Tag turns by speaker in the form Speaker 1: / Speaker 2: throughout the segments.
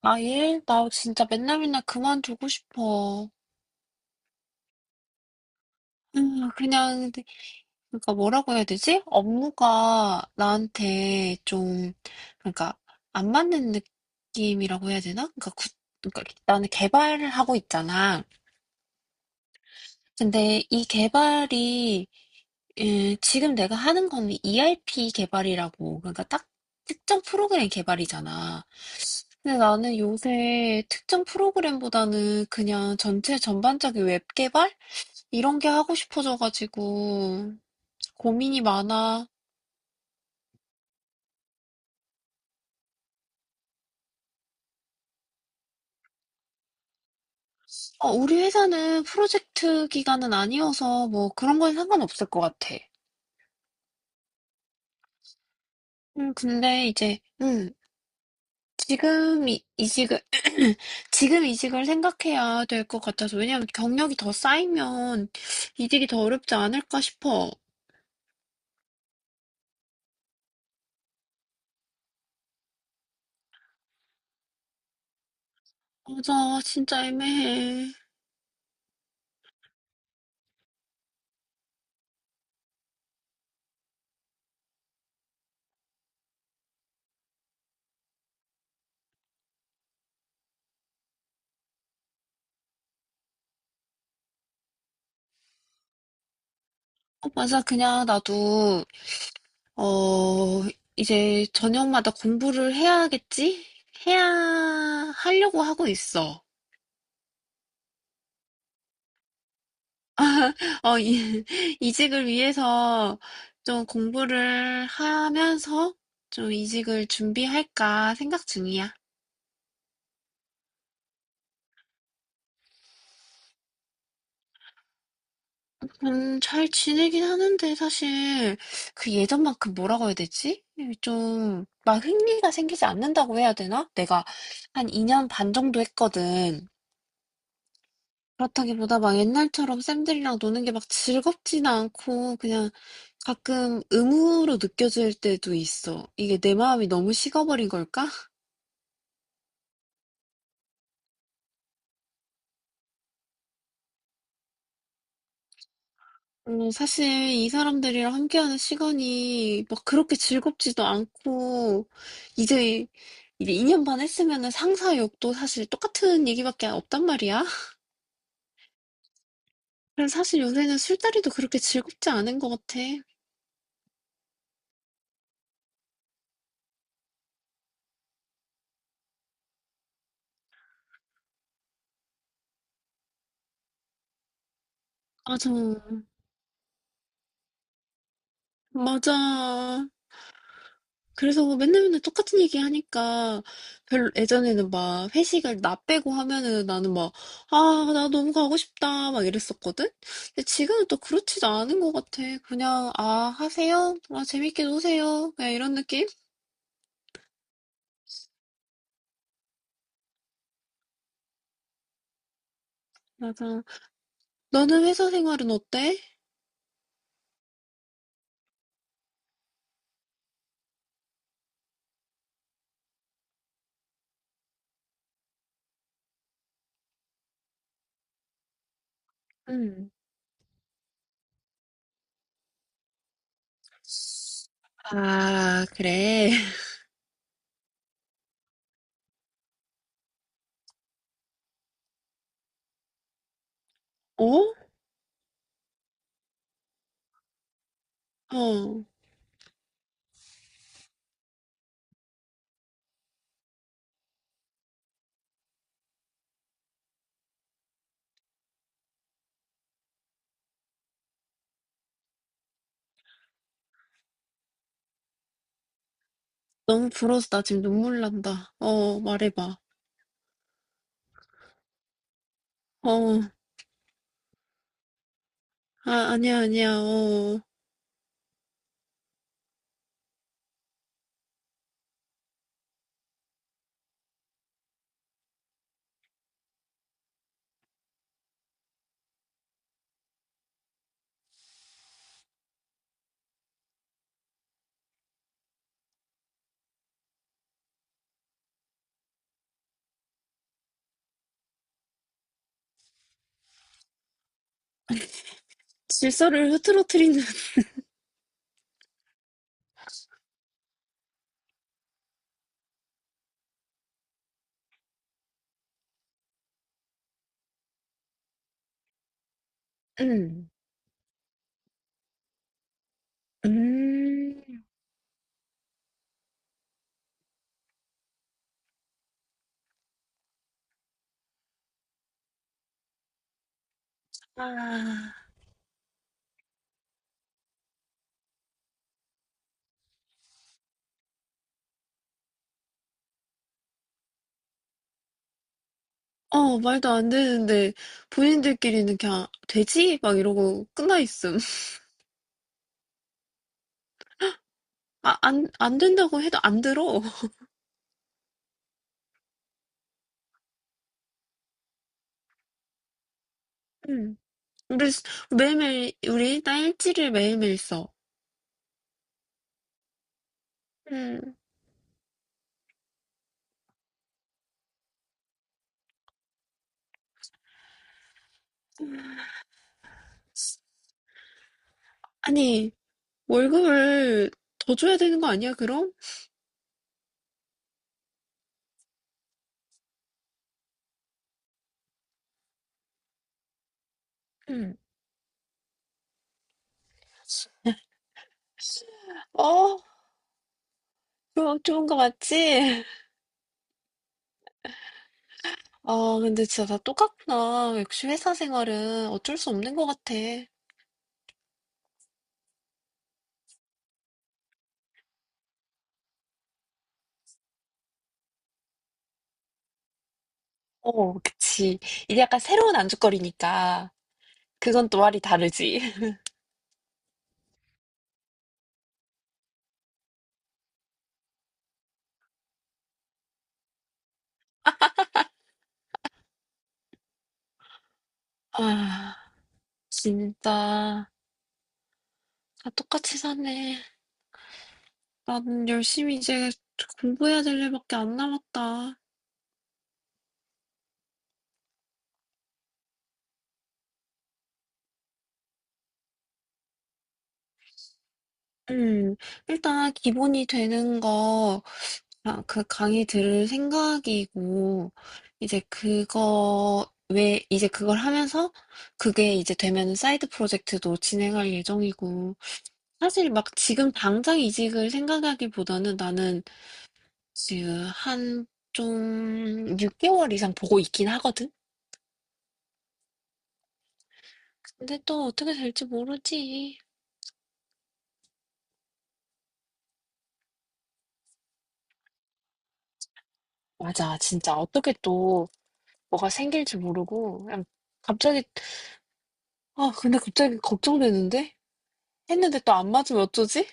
Speaker 1: 아, 예? 나 진짜 맨날 맨날 그만두고 싶어. 그냥, 그러니까 뭐라고 해야 되지? 업무가 나한테 좀, 그러니까 안 맞는 느낌이라고 해야 되나? 그러니까 나는 개발을 하고 있잖아. 근데 이 개발이, 지금 내가 하는 거는 ERP 개발이라고, 그러니까 딱 특정 프로그램 개발이잖아. 근데 나는 요새 특정 프로그램보다는 그냥 전체 전반적인 웹 개발? 이런 게 하고 싶어져가지고 고민이 많아. 어, 우리 회사는 프로젝트 기간은 아니어서 뭐 그런 건 상관없을 것 같아. 근데 이제, 지금 이, 이직을, 지금 이직을 생각해야 될 것 같아서. 왜냐면 경력이 더 쌓이면 이직이 더 어렵지 않을까 싶어. 맞아, 진짜 애매해. 어, 맞아, 그냥 나도 어, 이제 저녁마다 공부를 해야겠지? 해야 하려고 하고 있어. 어, 이직을 위해서 좀 공부를 하면서 좀 이직을 준비할까 생각 중이야. 잘 지내긴 하는데 사실 그 예전만큼 뭐라고 해야 되지? 좀 막 흥미가 생기지 않는다고 해야 되나? 내가 한 2년 반 정도 했거든. 그렇다기보다 막 옛날처럼 쌤들이랑 노는 게 막 즐겁지는 않고 그냥 가끔 의무로 느껴질 때도 있어. 이게 내 마음이 너무 식어버린 걸까? 사실 이 사람들이랑 함께하는 시간이 막 그렇게 즐겁지도 않고 이제 2년 반 했으면은 상사 욕도 사실 똑같은 얘기밖에 없단 말이야. 그래서 사실 요새는 술자리도 그렇게 즐겁지 않은 것 같아. 맞아, 맞아. 그래서 맨날 맨날 똑같은 얘기 하니까 별로 예전에는 막 회식을 나 빼고 하면은 나는 막, 아, 나 너무 가고 싶다 막 이랬었거든? 근데 지금은 또 그렇지도 않은 것 같아. 그냥, 아, 하세요? 아, 재밌게 노세요? 그냥 이런 느낌? 맞아. 너는 회사 생활은 어때? 응. 아, 그래. 어? 어. 너무 부러워서 나 지금 눈물 난다. 말해봐. 어. 아, 아니야, 아니야. 어. 질서를 흐트러뜨리는. 응. 음. 아. 어, 말도 안 되는데, 본인들끼리는 그냥, 되지? 막 이러고 끝나 있음. 아, 안 된다고 해도 안 들어. 음. 우리, 매일매일, 우리 일지를 매일매일 써. 음. 아니, 월급을 더 줘야 되는 거 아니야, 그럼? 음. 어, 그럼 좋은 거 맞지? 아, 근데 진짜 다 똑같구나. 역시 회사 생활은 어쩔 수 없는 것 같아. 어, 그치. 이게 약간 새로운 안주거리니까 그건 또 말이 다르지. 아, 진짜 다 똑같이 사네. 난 열심히 이제 공부해야 될 일밖에 안 남았다. 음, 일단 기본이 되는 거, 아, 그 강의 들을 생각이고, 이제 그거, 왜, 이제 그걸 하면서 그게 이제 되면 사이드 프로젝트도 진행할 예정이고, 사실 막 지금 당장 이직을 생각하기보다는 나는 지금 한 좀 6개월 이상 보고 있긴 하거든? 근데 또 어떻게 될지 모르지. 맞아, 진짜 어떻게 또 뭐가 생길지 모르고 그냥 갑자기 아 근데 갑자기 걱정되는데? 했는데 또 안 맞으면 어쩌지?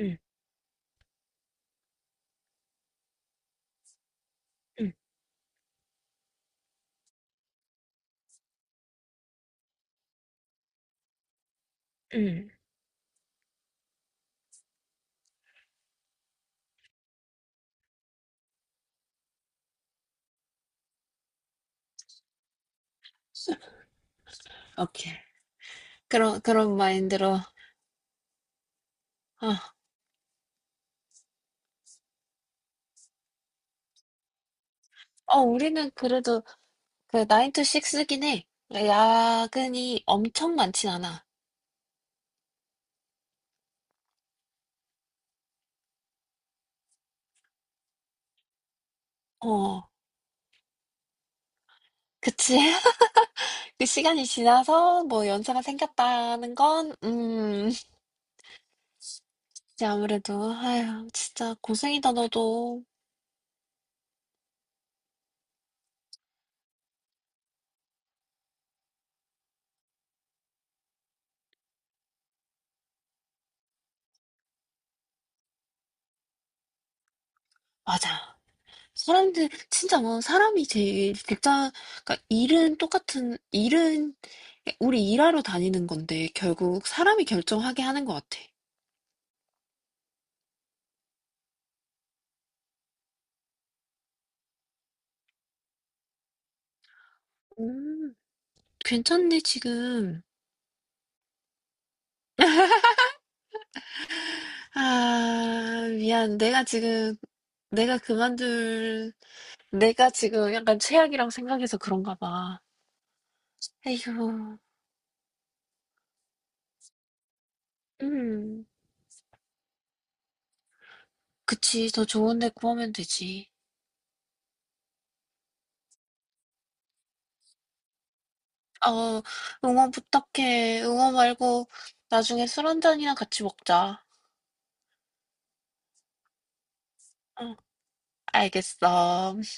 Speaker 1: 응, 응, 응. 오케이. 그런 마인드로 아, 우리는 그래도 그 9 to 6긴 해. 야근이 엄청 많진 않아. 어, 그치? 그 시간이 지나서 뭐 연차가 생겼다는 건, 이제 아무래도, 아휴, 진짜 고생이다, 너도. 맞아. 사람들, 진짜 뭐, 사람이 제일, 직장, 그러니까 일은 똑같은, 일은, 우리 일하러 다니는 건데, 결국 사람이 결정하게 하는 것 같아. 음, 괜찮네, 지금. 아, 미안. 내가 그만둘, 내가 지금 약간 최악이라고 생각해서 그런가 봐. 에휴, 음. 그치. 더 좋은 데 구하면 되지. 어, 응원 부탁해. 응원 말고 나중에 술 한 잔이나 같이 먹자. 응, 알겠어.